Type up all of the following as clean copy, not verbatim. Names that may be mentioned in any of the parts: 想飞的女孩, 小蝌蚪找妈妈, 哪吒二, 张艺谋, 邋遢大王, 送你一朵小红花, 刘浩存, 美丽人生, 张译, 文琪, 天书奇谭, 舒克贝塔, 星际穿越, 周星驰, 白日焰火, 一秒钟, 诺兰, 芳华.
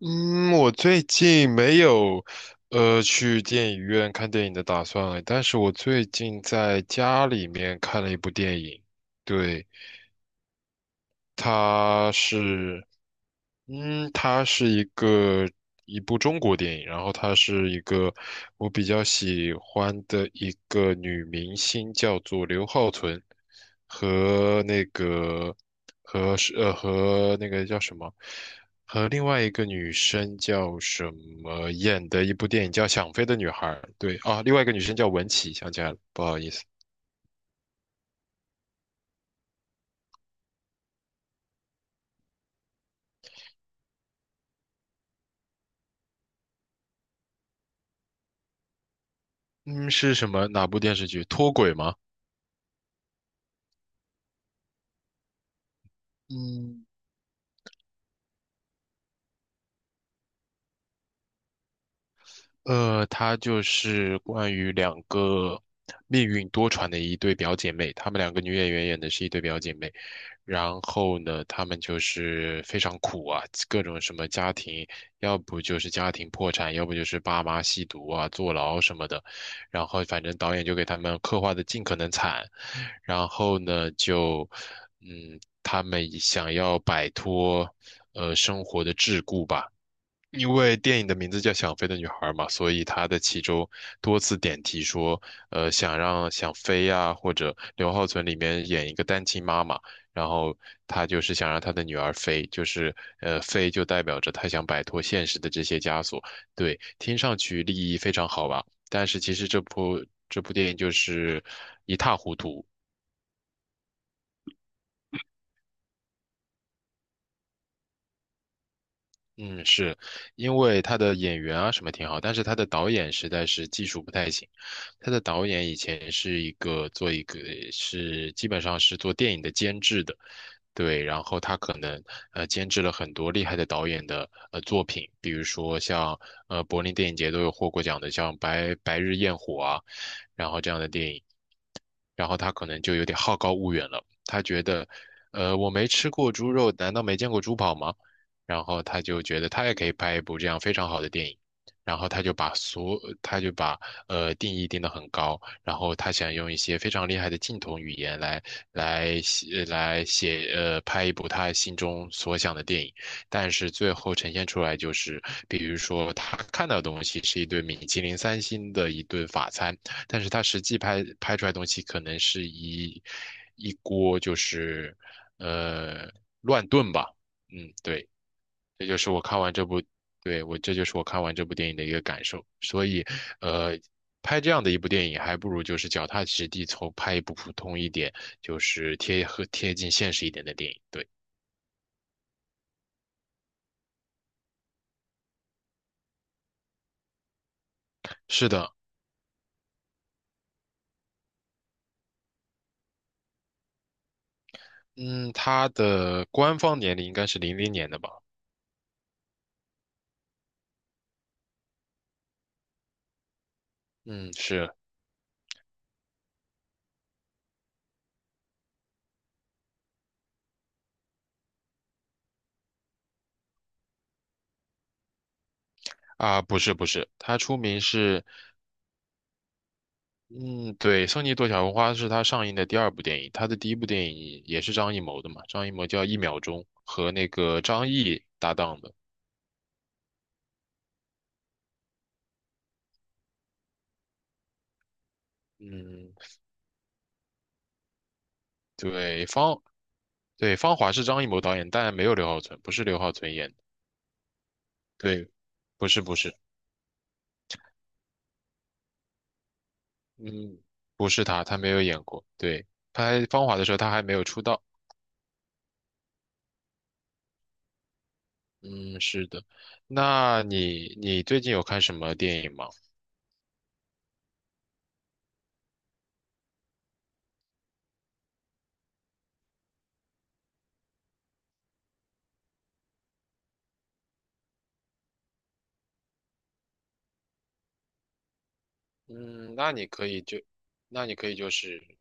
嗯，我最近没有去电影院看电影的打算，但是我最近在家里面看了一部电影，对。它是，它是一部中国电影，然后它是一个我比较喜欢的一个女明星，叫做刘浩存，和那个和是呃和那个叫什么，和另外一个女生叫什么演的一部电影叫《想飞的女孩》，对啊，另外一个女生叫文琪，想起来了，不好意思，嗯，是什么哪部电视剧？脱轨吗？嗯。它就是关于命运多舛的一对表姐妹，她们两个女演员演的是一对表姐妹。然后呢，她们就是非常苦啊，各种什么家庭，要不就是家庭破产，要不就是爸妈吸毒啊、坐牢什么的。然后反正导演就给他们刻画的尽可能惨。然后呢，就嗯，他们想要摆脱生活的桎梏吧。因为电影的名字叫《想飞的女孩》嘛，所以它的其中多次点题说，想让想飞呀、或者刘浩存里面演一个单亲妈妈，然后她就是想让她的女儿飞，就是飞就代表着她想摆脱现实的这些枷锁。对，听上去立意非常好吧，但是其实这部电影就是一塌糊涂。嗯，是因为他的演员啊什么挺好，但是他的导演实在是技术不太行。他的导演以前是一个做一个是基本上是做电影的监制的，对，然后他可能监制了很多厉害的导演的作品，比如说像柏林电影节都有获过奖的，像白日焰火啊，然后这样的电影。然后他可能就有点好高骛远了，他觉得，我没吃过猪肉，难道没见过猪跑吗？然后他就觉得他也可以拍一部这样非常好的电影，然后他就把所他就把定义定得很高，然后他想用一些非常厉害的镜头语言来来写来写呃拍一部他心中所想的电影，但是最后呈现出来就是，比如说他看到的东西是一顿米其林三星的一顿法餐，但是他实际拍出来的东西可能是一锅就是呃乱炖吧。嗯，对，这就是我看完这部，对，这就是我看完这部电影的一个感受。所以，呃，拍这样的一部电影，还不如就是脚踏实地，从拍一部普通一点，就是贴近现实一点的电影。对，是的，嗯，他的官方年龄应该是00年的吧？嗯，是啊，不是不是，他出名是，嗯，对，《送你一朵小红花》是他上映的第二部电影，他的第一部电影也是张艺谋的嘛，张艺谋叫《一秒钟》，和那个张译搭档的。嗯，对，对芳华是张艺谋导演，但没有刘浩存，不是刘浩存演的。对，不是不是，嗯，不是他，他没有演过。对，拍芳华的时候他还没有出道。嗯，是的。那你最近有看什么电影吗？嗯，那你可以就是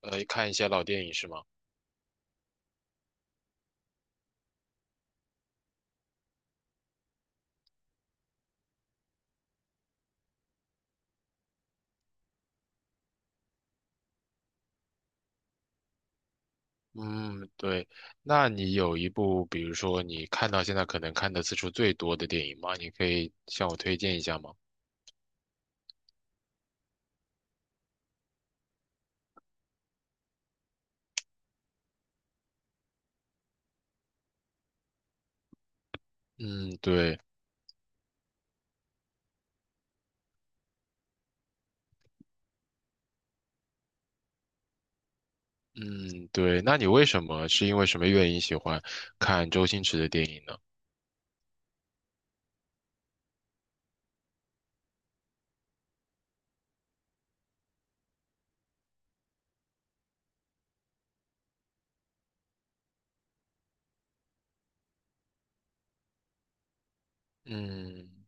看一些老电影是吗？嗯，对。那你有一部，比如说你看到现在可能看的次数最多的电影吗？你可以向我推荐一下吗？嗯，对。嗯，对，那你为什么是因为什么原因喜欢看周星驰的电影呢？嗯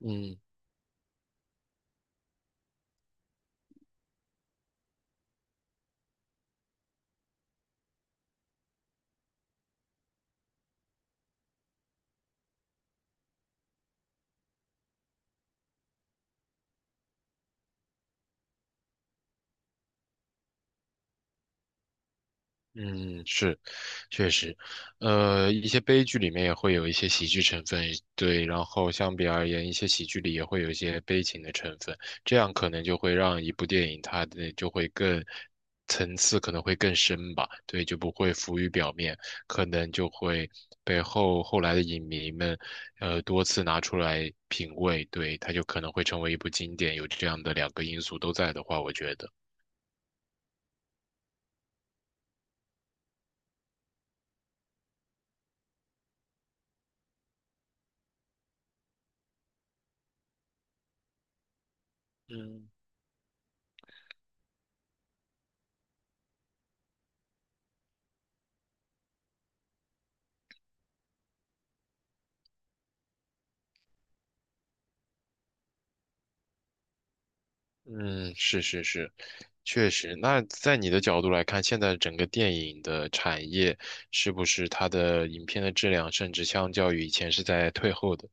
嗯。嗯，是，确实，一些悲剧里面也会有一些喜剧成分，对，然后相比而言，一些喜剧里也会有一些悲情的成分，这样可能就会让一部电影就会更层次可能会更深吧，对，就不会浮于表面，可能就会被后来的影迷们，多次拿出来品味，对，它就可能会成为一部经典，有这样的两个因素都在的话，我觉得。嗯。嗯，是是是，确实。那在你的角度来看，现在整个电影的产业是不是它的影片的质量，甚至相较于以前是在退后的？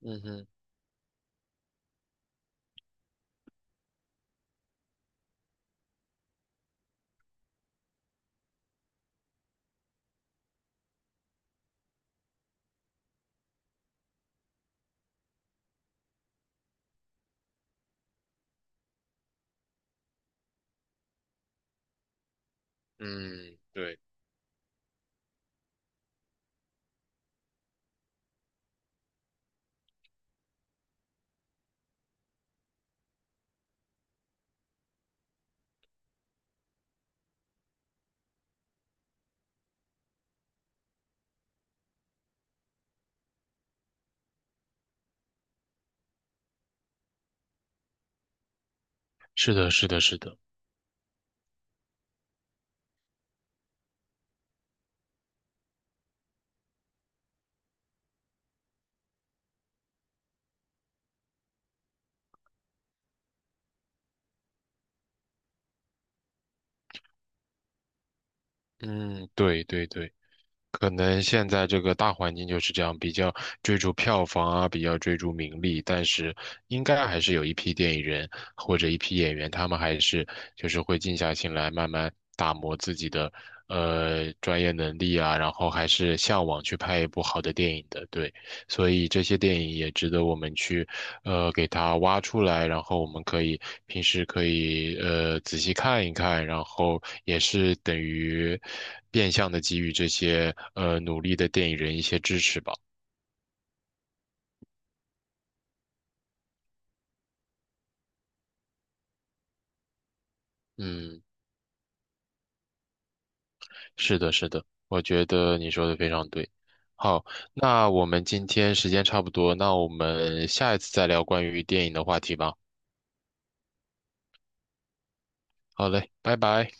嗯哼，嗯，对，是的，是的，是的，嗯，对对对。可能现在这个大环境就是这样，比较追逐票房啊，比较追逐名利，但是应该还是有一批电影人或者一批演员，他们还是就是会静下心来，慢慢打磨自己的专业能力啊，然后还是向往去拍一部好的电影的，对，所以这些电影也值得我们去给它挖出来，然后我们可以平时可以仔细看一看，然后也是等于变相的给予这些努力的电影人一些支持吧。嗯，是的，是的，我觉得你说的非常对。好，那我们今天时间差不多，那我们下一次再聊关于电影的话题吧。好嘞，拜拜。